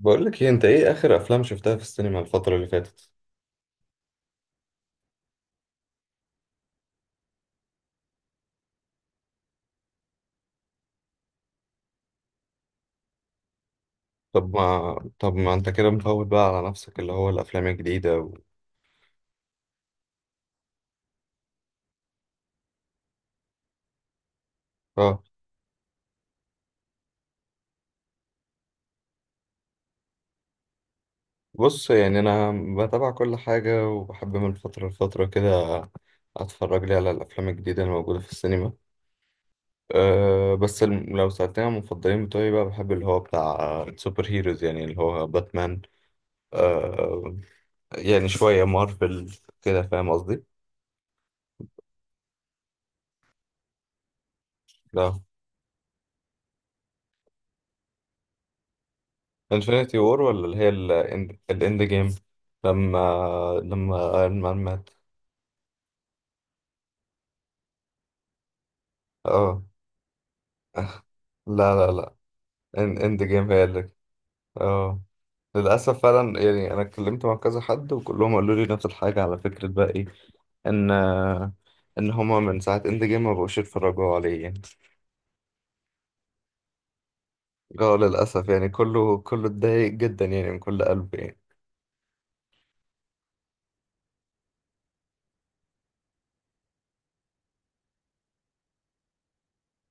بقول لك ايه؟ انت ايه اخر افلام شفتها في السينما الفتره اللي فاتت؟ طب ما انت كده مفوت بقى على نفسك اللي هو الافلام الجديده و... اه بص يعني انا بتابع كل حاجه، وبحب من فتره لفتره كده اتفرج لي على الافلام الجديده الموجوده في السينما. أه بس لو سألتني عن المفضلين بتوعي بقى، بحب اللي هو بتاع سوبر هيروز، يعني اللي هو باتمان. أه يعني شويه مارفل كده، فاهم قصدي؟ لا، انفينيتي وور ولا اللي هي الاند جيم؟ لما لما ايرون مان مات. اه، لا لا لا، اند جيم هي اللي. اه، للأسف فعلا يعني. أنا اتكلمت مع كذا حد وكلهم قالوا لي نفس الحاجة، على فكرة بقى، إيه إن إن هما من ساعة إند جيم ما بقوش يتفرجوا عليه يعني. اه للأسف يعني، كله كله اتضايق جدا يعني، من كل قلب يعني.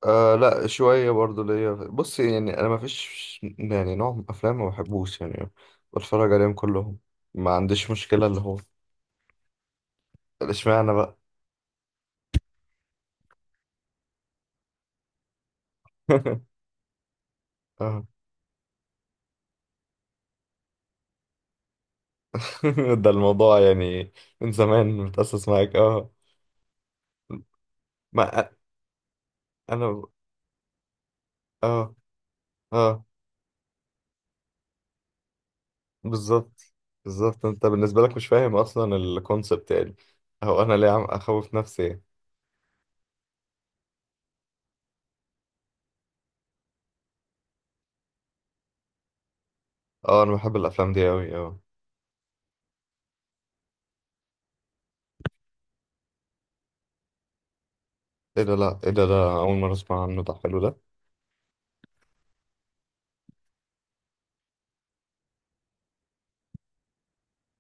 آه لا، شوية برضو ليا. بص يعني، أنا مفيش يعني نوع من أفلام ما بحبوش يعني، بتفرج عليهم كلهم، ما عنديش مشكلة. اللي هو اشمعنى بقى؟ اه. ده الموضوع يعني، من زمان متأسس معاك، اه. ما أ- أنا، اه، اه، بالظبط، بالظبط. أنت بالنسبة لك مش فاهم أصلا الكونسبت يعني، هو أنا ليه عم أخوف نفسي يعني. اه، أنا بحب الأفلام دي أوي، اه. إيه ده؟ لأ إيه ده؟ ده أول مرة أسمع عنه، ده حلو ده.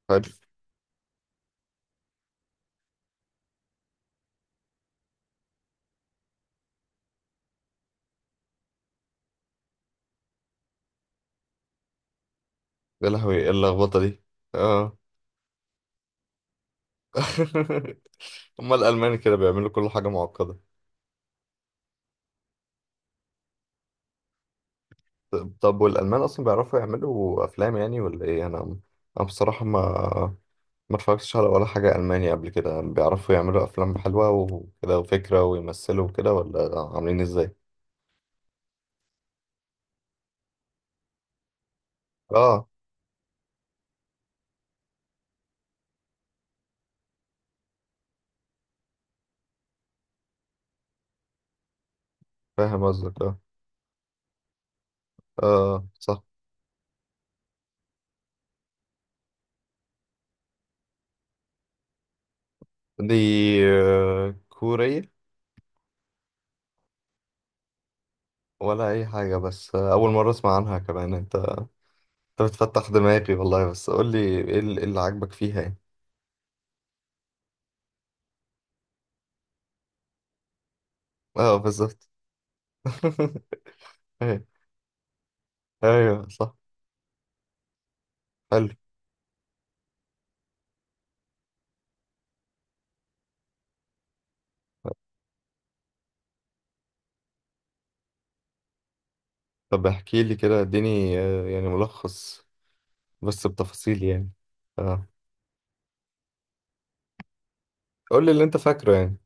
حلو. يا لهوي، ايه اللخبطة دي؟ اه. هما الألمان كده بيعملوا كل حاجة معقدة. طب، طب والألمان أصلا بيعرفوا يعملوا أفلام يعني ولا إيه؟ أنا بصراحة ما اتفرجتش على ولا حاجة ألماني قبل كده. بيعرفوا يعملوا أفلام حلوة وكده وفكرة ويمثلوا وكده ولا عاملين إزاي؟ اه، فاهم قصدك، اه. اه صح. دي آه، كورية؟ ولا أي حاجة، بس آه، أول مرة أسمع عنها كمان. أنت، أنت بتفتح دماغي والله، بس قول لي إيه اللي، إيه اللي عاجبك فيها يعني؟ اه بالظبط. ايوه صح. حلو. طب احكي لي كده، اديني آه، يعني ملخص بس بتفاصيل يعني. اه، قول لي اللي انت فاكره يعني.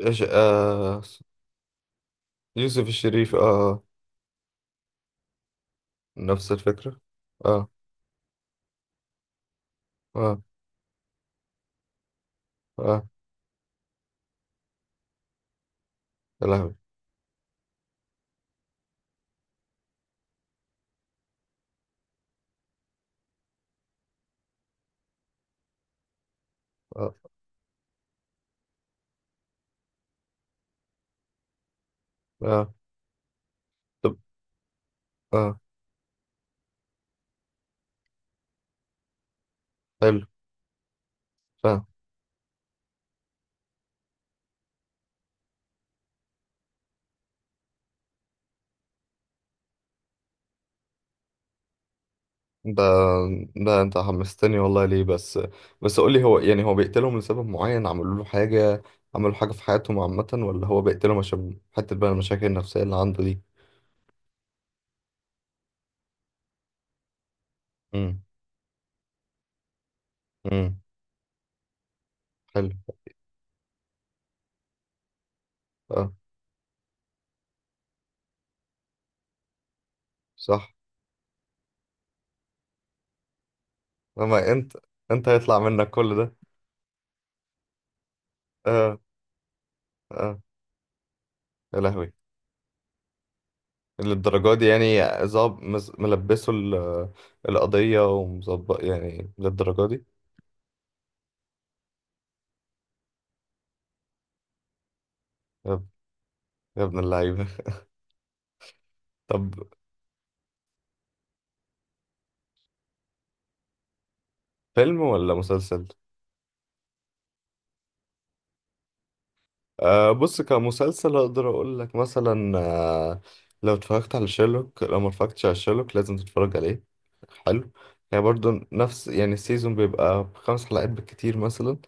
ايش آه، يوسف الشريف، اه آه، نفس الفكرة. اه، اه، اه، يا لهوي، اه، اه، طب، اه، حلو، فاهم. ده، ده انت حمستني والله، ليه بس؟ بس قول لي، هو يعني هو بيقتلهم لسبب معين، عملوا له حاجة، عملوا حاجة في حياتهم عامة، ولا هو بيقتلهم عشان حتة بقى المشاكل النفسية اللي عنده دي؟ امم، امم، حلو. اه صح. اما انت، انت هيطلع منك كل ده؟ اه، اه، يا لهوي، للدرجة دي يعني؟ ظاب مز- ملبسه ال- القضية ومظبط يعني للدرجة دي؟ يا اب- يا ابن اللعيبة. طب فيلم ولا مسلسل؟ أه بص، كمسلسل اقدر اقول لك مثلا، أه لو اتفرجت على شيرلوك، لو ما اتفرجتش على شيرلوك لازم تتفرج عليه. حلو يعني، برضو نفس يعني، السيزون بيبقى بخمس حلقات بالكتير مثلا،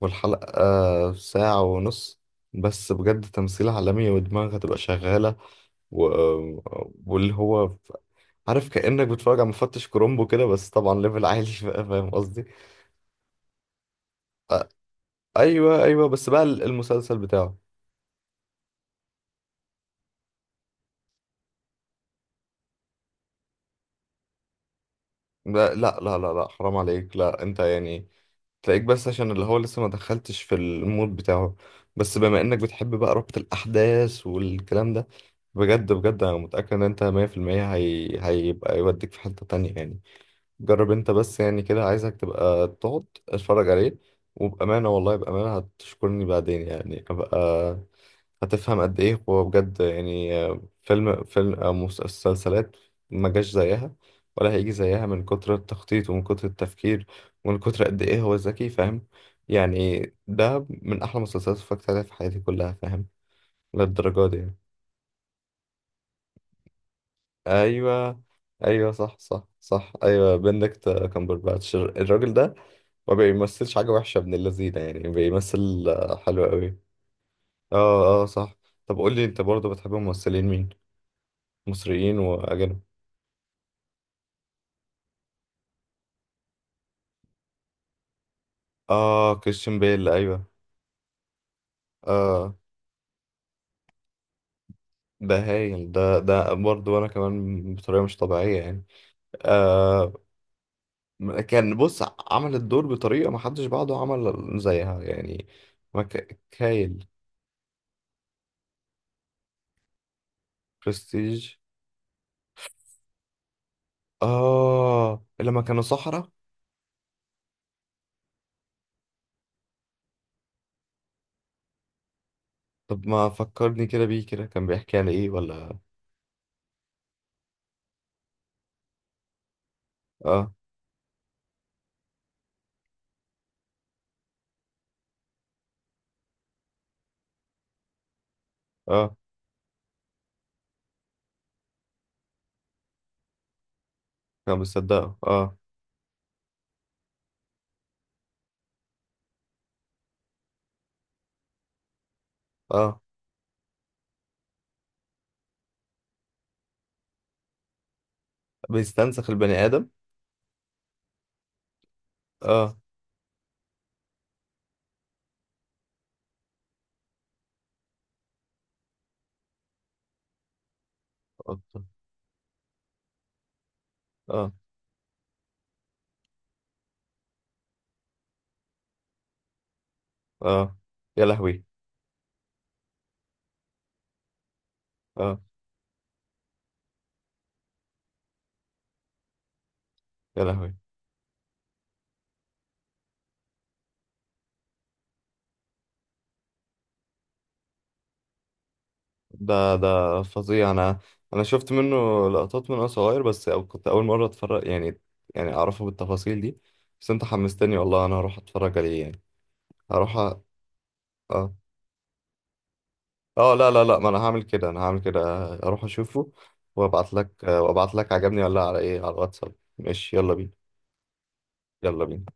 والحلقة أه ساعة ونص. بس بجد تمثيل عالمي، ودماغك هتبقى شغالة، و... واللي هو ف- عارف، كأنك بتتفرج على مفتش كرومبو كده، بس طبعا ليفل عالي. بقى فاهم قصدي؟ ايوه، ايوه، بس بقى المسلسل بتاعه. لا لا لا لا لا، حرام عليك، لا انت يعني تلاقيك بس عشان اللي هو لسه ما دخلتش في المود بتاعه. بس بما انك بتحب بقى ربط الاحداث والكلام ده، بجد بجد انا متأكد ان انت 100% هي... هيبقى يوديك في حتة تانية يعني. جرب انت بس يعني كده، عايزك تبقى تقعد اتفرج عليه، وبأمانة والله بأمانة هتشكرني بعدين يعني. ابقى هتفهم قد ايه هو بجد يعني، آه، فيلم او مسلسلات ما جاش زيها، ولا هيجي زيها، من كتر التخطيط ومن كتر التفكير ومن كتر قد ايه هو ذكي، فاهم يعني؟ ده من احلى مسلسلات اتفرجت عليها في حياتي كلها، فاهم؟ للدرجه دي يعني. ايوه، ايوه صح صح صح، ايوه بندكت كامبرباتش الراجل ده. ما بيمثلش حاجه وحشه ابن اللذينه يعني، بيمثل آه، حلو قوي. اه، اه صح. طب قول لي انت برضه بتحب ممثلين مين؟ مصريين واجانب. اه، كريستيان بيل، ايوه. اه، ده هايل، ده ده برضه انا كمان بطريقه مش طبيعيه يعني. آه بص، عمل الدور بطريقه ما حدش بعده عمل زيها يعني، ما ك- هايل. برستيج، اه، لما كانوا صحراء. طب ما فكرني كده بيه، كده كان بيحكي عن ايه ولا؟ اه، اه، كان بيصدقه، اه. اه، بيستنسخ البني ادم. اه، اه، اه، آه. يا لهوي، اه، يا لهوي. ده ده فظيع. انا، انا شفت منه لقطات من وانا صغير بس، أو كنت اول مره اتفرج يعني، يعني اعرفه بالتفاصيل دي. بس انت حمستني والله، انا هروح اتفرج عليه يعني، هروح اه، اه لا لا لا، ما انا هعمل كده، انا هعمل كده، اروح اشوفه، وابعت لك عجبني ولا لا، على ايه، على الواتساب، ماشي، يلا بينا، يلا بينا.